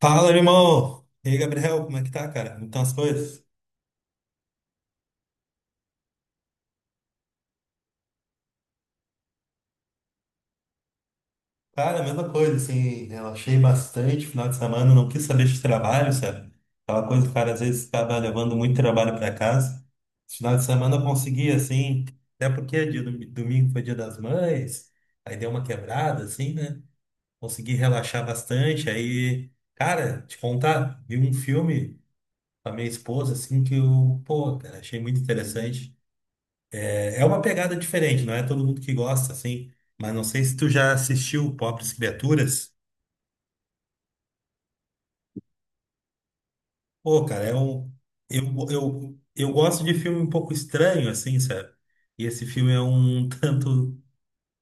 Fala, irmão! E aí, Gabriel, como é que tá, cara? Como estão as coisas? Cara, a mesma coisa, assim, relaxei bastante final de semana, não quis saber de trabalho, sabe? Aquela coisa que o cara às vezes estava levando muito trabalho para casa. Esse final de semana eu consegui, assim, até porque é domingo foi dia das mães, aí deu uma quebrada, assim, né? Consegui relaxar bastante, aí, cara, te contar, vi um filme com a minha esposa, assim, que eu, pô, cara, achei muito interessante. É uma pegada diferente, não é todo mundo que gosta, assim. Mas não sei se tu já assistiu Pobres Criaturas. Pô, cara, é um. Eu, eu gosto de filme um pouco estranho, assim, sabe? E esse filme é um tanto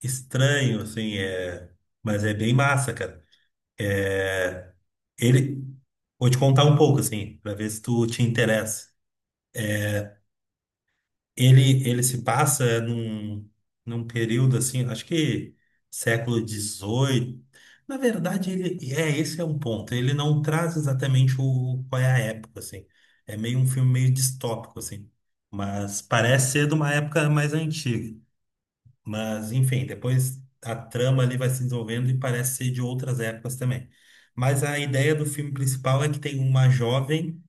estranho, assim, mas é bem massa, cara. Ele. Vou te contar um pouco, assim, pra ver se tu te interessa. Ele se passa num período assim, acho que século dezoito. Na verdade, ele é esse é um ponto. Ele não traz exatamente o qual é a época, assim. É meio um filme meio distópico, assim. Mas parece ser de uma época mais antiga. Mas, enfim, depois a trama ali vai se desenvolvendo e parece ser de outras épocas também. Mas a ideia do filme principal é que tem uma jovem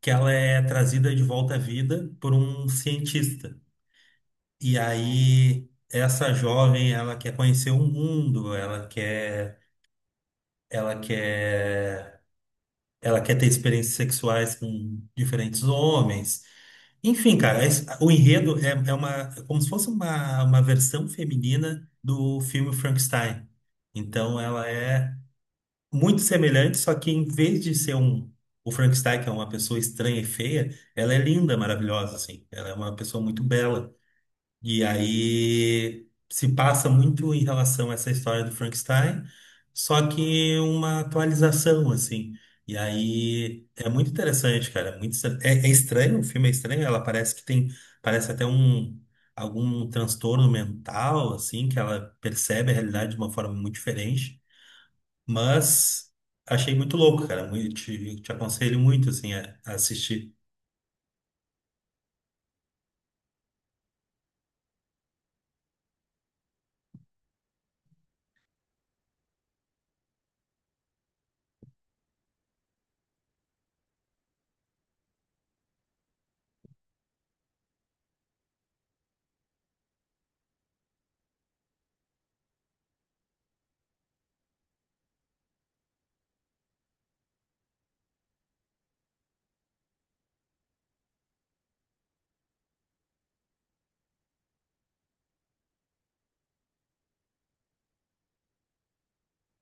que ela é trazida de volta à vida por um cientista. E aí, essa jovem, ela quer conhecer o mundo, ela quer, ela quer ter experiências sexuais com diferentes homens. Enfim, cara, o enredo é, é como se fosse uma versão feminina do filme Frankenstein. Então, ela é muito semelhante, só que em vez de ser um, o Frankenstein, que é uma pessoa estranha e feia, ela é linda, maravilhosa, assim. Ela é uma pessoa muito bela. E aí se passa muito em relação a essa história do Frankenstein, só que uma atualização, assim. E aí é muito interessante, cara. Muito, é, é estranho, o filme é estranho, ela parece que tem, parece até um algum transtorno mental, assim, que ela percebe a realidade de uma forma muito diferente. Mas achei muito louco, cara. Muito, te aconselho muito, assim, a assistir.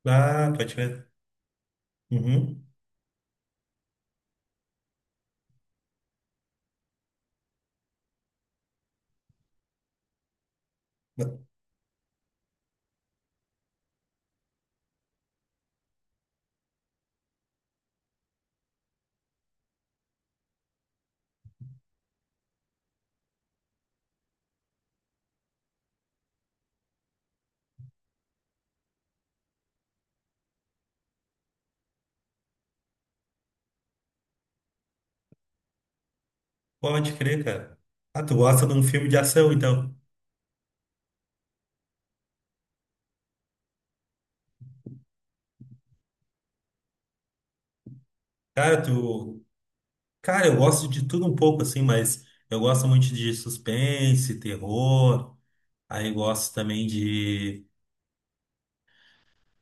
Ah, pode ver. Uhum. Pode crer, cara. Ah, tu gosta de um filme de ação, então. Cara, tu. Cara, eu gosto de tudo um pouco, assim, mas eu gosto muito de suspense, terror. Aí gosto também de.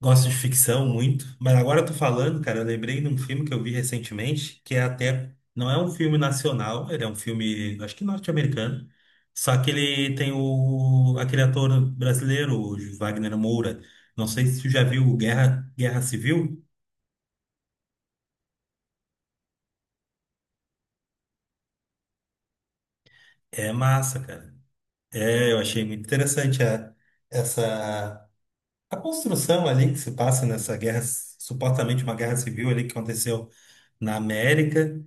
Gosto de ficção muito. Mas agora eu tô falando, cara, eu lembrei de um filme que eu vi recentemente, que é até. Não é um filme nacional, ele é um filme, acho que norte-americano. Só que ele tem o. Aquele ator brasileiro, o Wagner Moura. Não sei se tu já viu Guerra Civil. É massa, cara. É, eu achei muito interessante essa a construção ali que se passa nessa guerra, supostamente uma guerra civil ali que aconteceu na América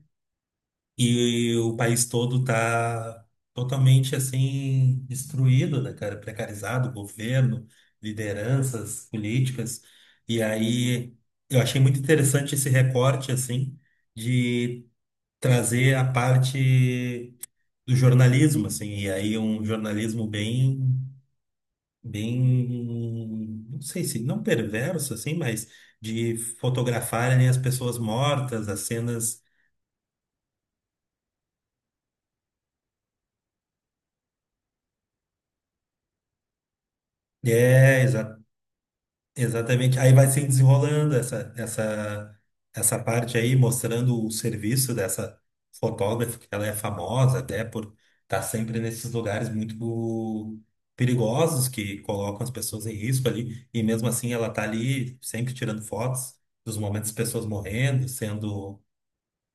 e, o país todo tá totalmente assim destruído, né, cara? Precarizado, governo, lideranças políticas. E aí eu achei muito interessante esse recorte assim de trazer a parte do jornalismo, assim, e aí um jornalismo bem, não sei se não perverso assim, mas de fotografarem as pessoas mortas, as cenas. É, exa Exatamente. Aí vai se desenrolando essa parte aí mostrando o serviço dessa fotógrafa, que ela é famosa até por estar sempre nesses lugares muito perigosos que colocam as pessoas em risco ali, e mesmo assim ela tá ali sempre tirando fotos dos momentos das pessoas morrendo, sendo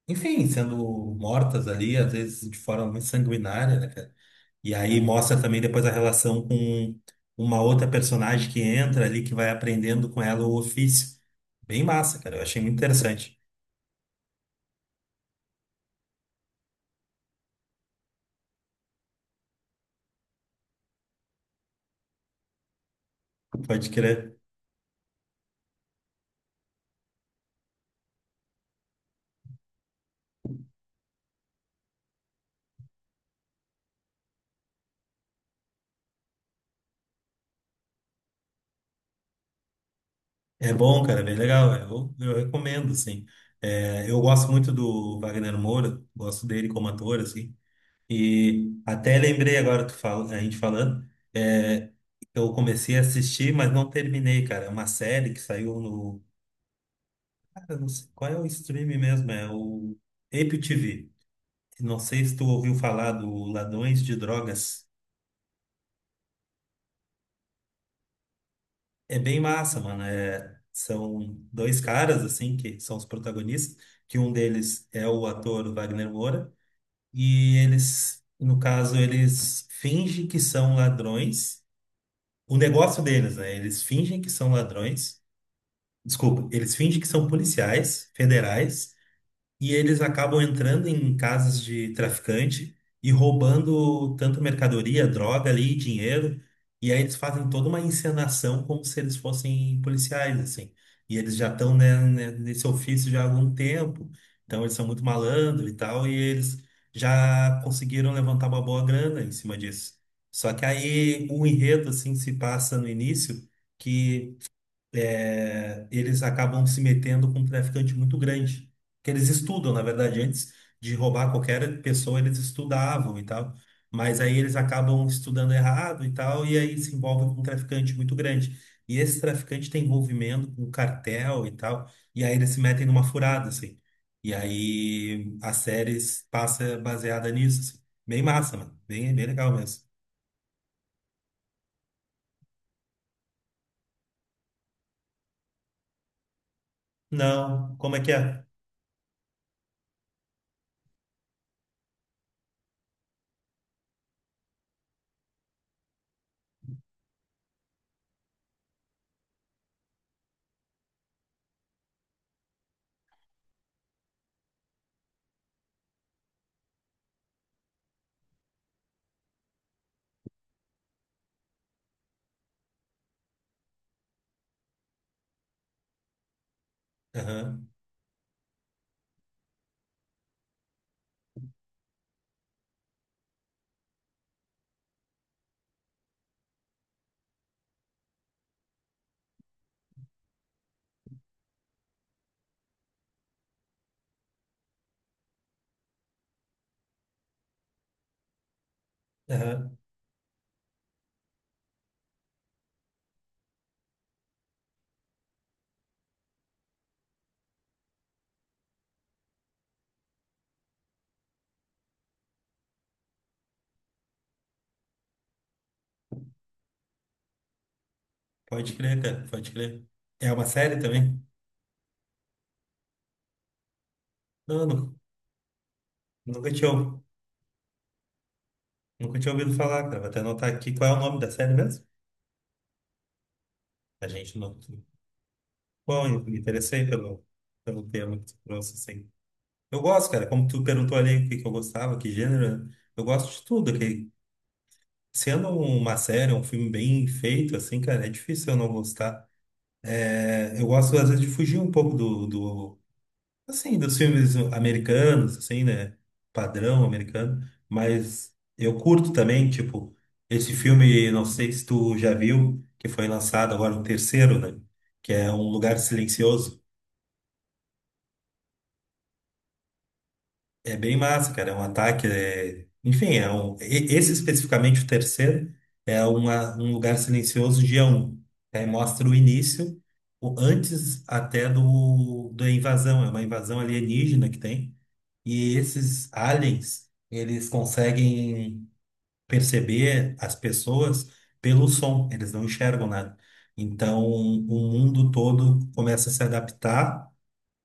enfim, sendo mortas ali, às vezes de forma muito sanguinária, né, cara? E aí mostra também depois a relação com uma outra personagem que entra ali, que vai aprendendo com ela o ofício. Bem massa, cara. Eu achei muito interessante. Pode crer. É bom, cara, é bem legal. É, eu recomendo, assim. É, eu gosto muito do Wagner Moura, gosto dele como ator, assim. E até lembrei agora, a gente falando, é, eu comecei a assistir, mas não terminei, cara. É uma série que saiu. Cara, não sei qual é o stream mesmo, é o Apple TV. Não sei se tu ouviu falar do Ladrões de Drogas. É bem massa, mano. É, são dois caras, assim, que são os protagonistas, que um deles é o ator Wagner Moura, e eles, no caso, eles fingem que são ladrões. O negócio deles, né? Eles fingem que são ladrões. Desculpa, eles fingem que são policiais federais e eles acabam entrando em casas de traficante e roubando tanto mercadoria, droga ali, dinheiro, e aí eles fazem toda uma encenação como se eles fossem policiais, assim. E eles já estão, nesse ofício já há algum tempo, então eles são muito malandros e tal, e eles já conseguiram levantar uma boa grana em cima disso. Só que aí o enredo, assim, se passa no início que é, eles acabam se metendo com um traficante muito grande, que eles estudam, na verdade, antes de roubar qualquer pessoa, eles estudavam e tal, mas aí eles acabam estudando errado e tal, e aí se envolvem com um traficante muito grande. E esse traficante tem envolvimento com cartel e tal, e aí eles se metem numa furada, assim. E aí a série passa baseada nisso, assim. Bem massa, mano. Bem legal mesmo. Não, como é que é? Aham, aham. Pode crer, cara, pode crer. É uma série também? Não, nu- nunca tinha, nunca tinha ouvido falar, cara. Vou até anotar aqui qual é o nome da série mesmo. A gente não. Bom, eu me interessei pelo tema que tu trouxe, assim. Eu gosto, cara, como tu perguntou ali o que que eu gostava, que gênero, né? Eu gosto de tudo, que sendo uma série, um filme bem feito, assim, cara, é difícil eu não gostar. É, eu gosto, às vezes, de fugir um pouco do, do assim, dos filmes americanos, assim, né? Padrão americano. Mas eu curto também, tipo, esse filme, não sei se tu já viu, que foi lançado agora o terceiro, né? Que é Um Lugar Silencioso. É bem massa, cara. É um ataque. Enfim, esse especificamente, o terceiro, um lugar silencioso dia um. Aí mostra o início, o antes até da invasão. É uma invasão alienígena que tem. E esses aliens, eles conseguem perceber as pessoas pelo som, eles não enxergam nada. Então, o mundo todo começa a se adaptar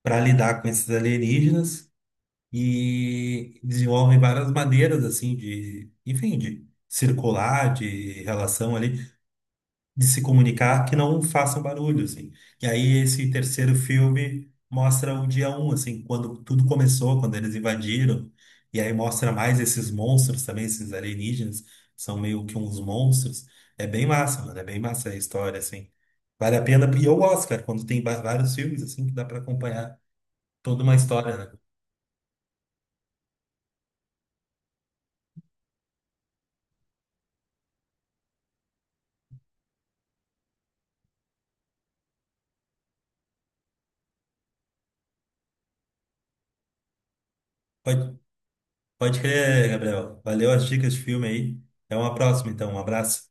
para lidar com esses alienígenas e desenvolvem várias maneiras assim de, enfim, de circular, de relação ali de se comunicar que não façam barulho, assim. E aí esse terceiro filme mostra o dia um, assim, quando tudo começou, quando eles invadiram, e aí mostra mais esses monstros também, esses alienígenas, são meio que uns monstros. É bem massa, mano, é bem massa a história, assim. Vale a pena, e eu gosto, cara, quando tem vários filmes, assim, que dá pra acompanhar toda uma história, né? Pode, pode crer, Gabriel. Valeu as dicas de filme aí. Até uma próxima, então. Um abraço.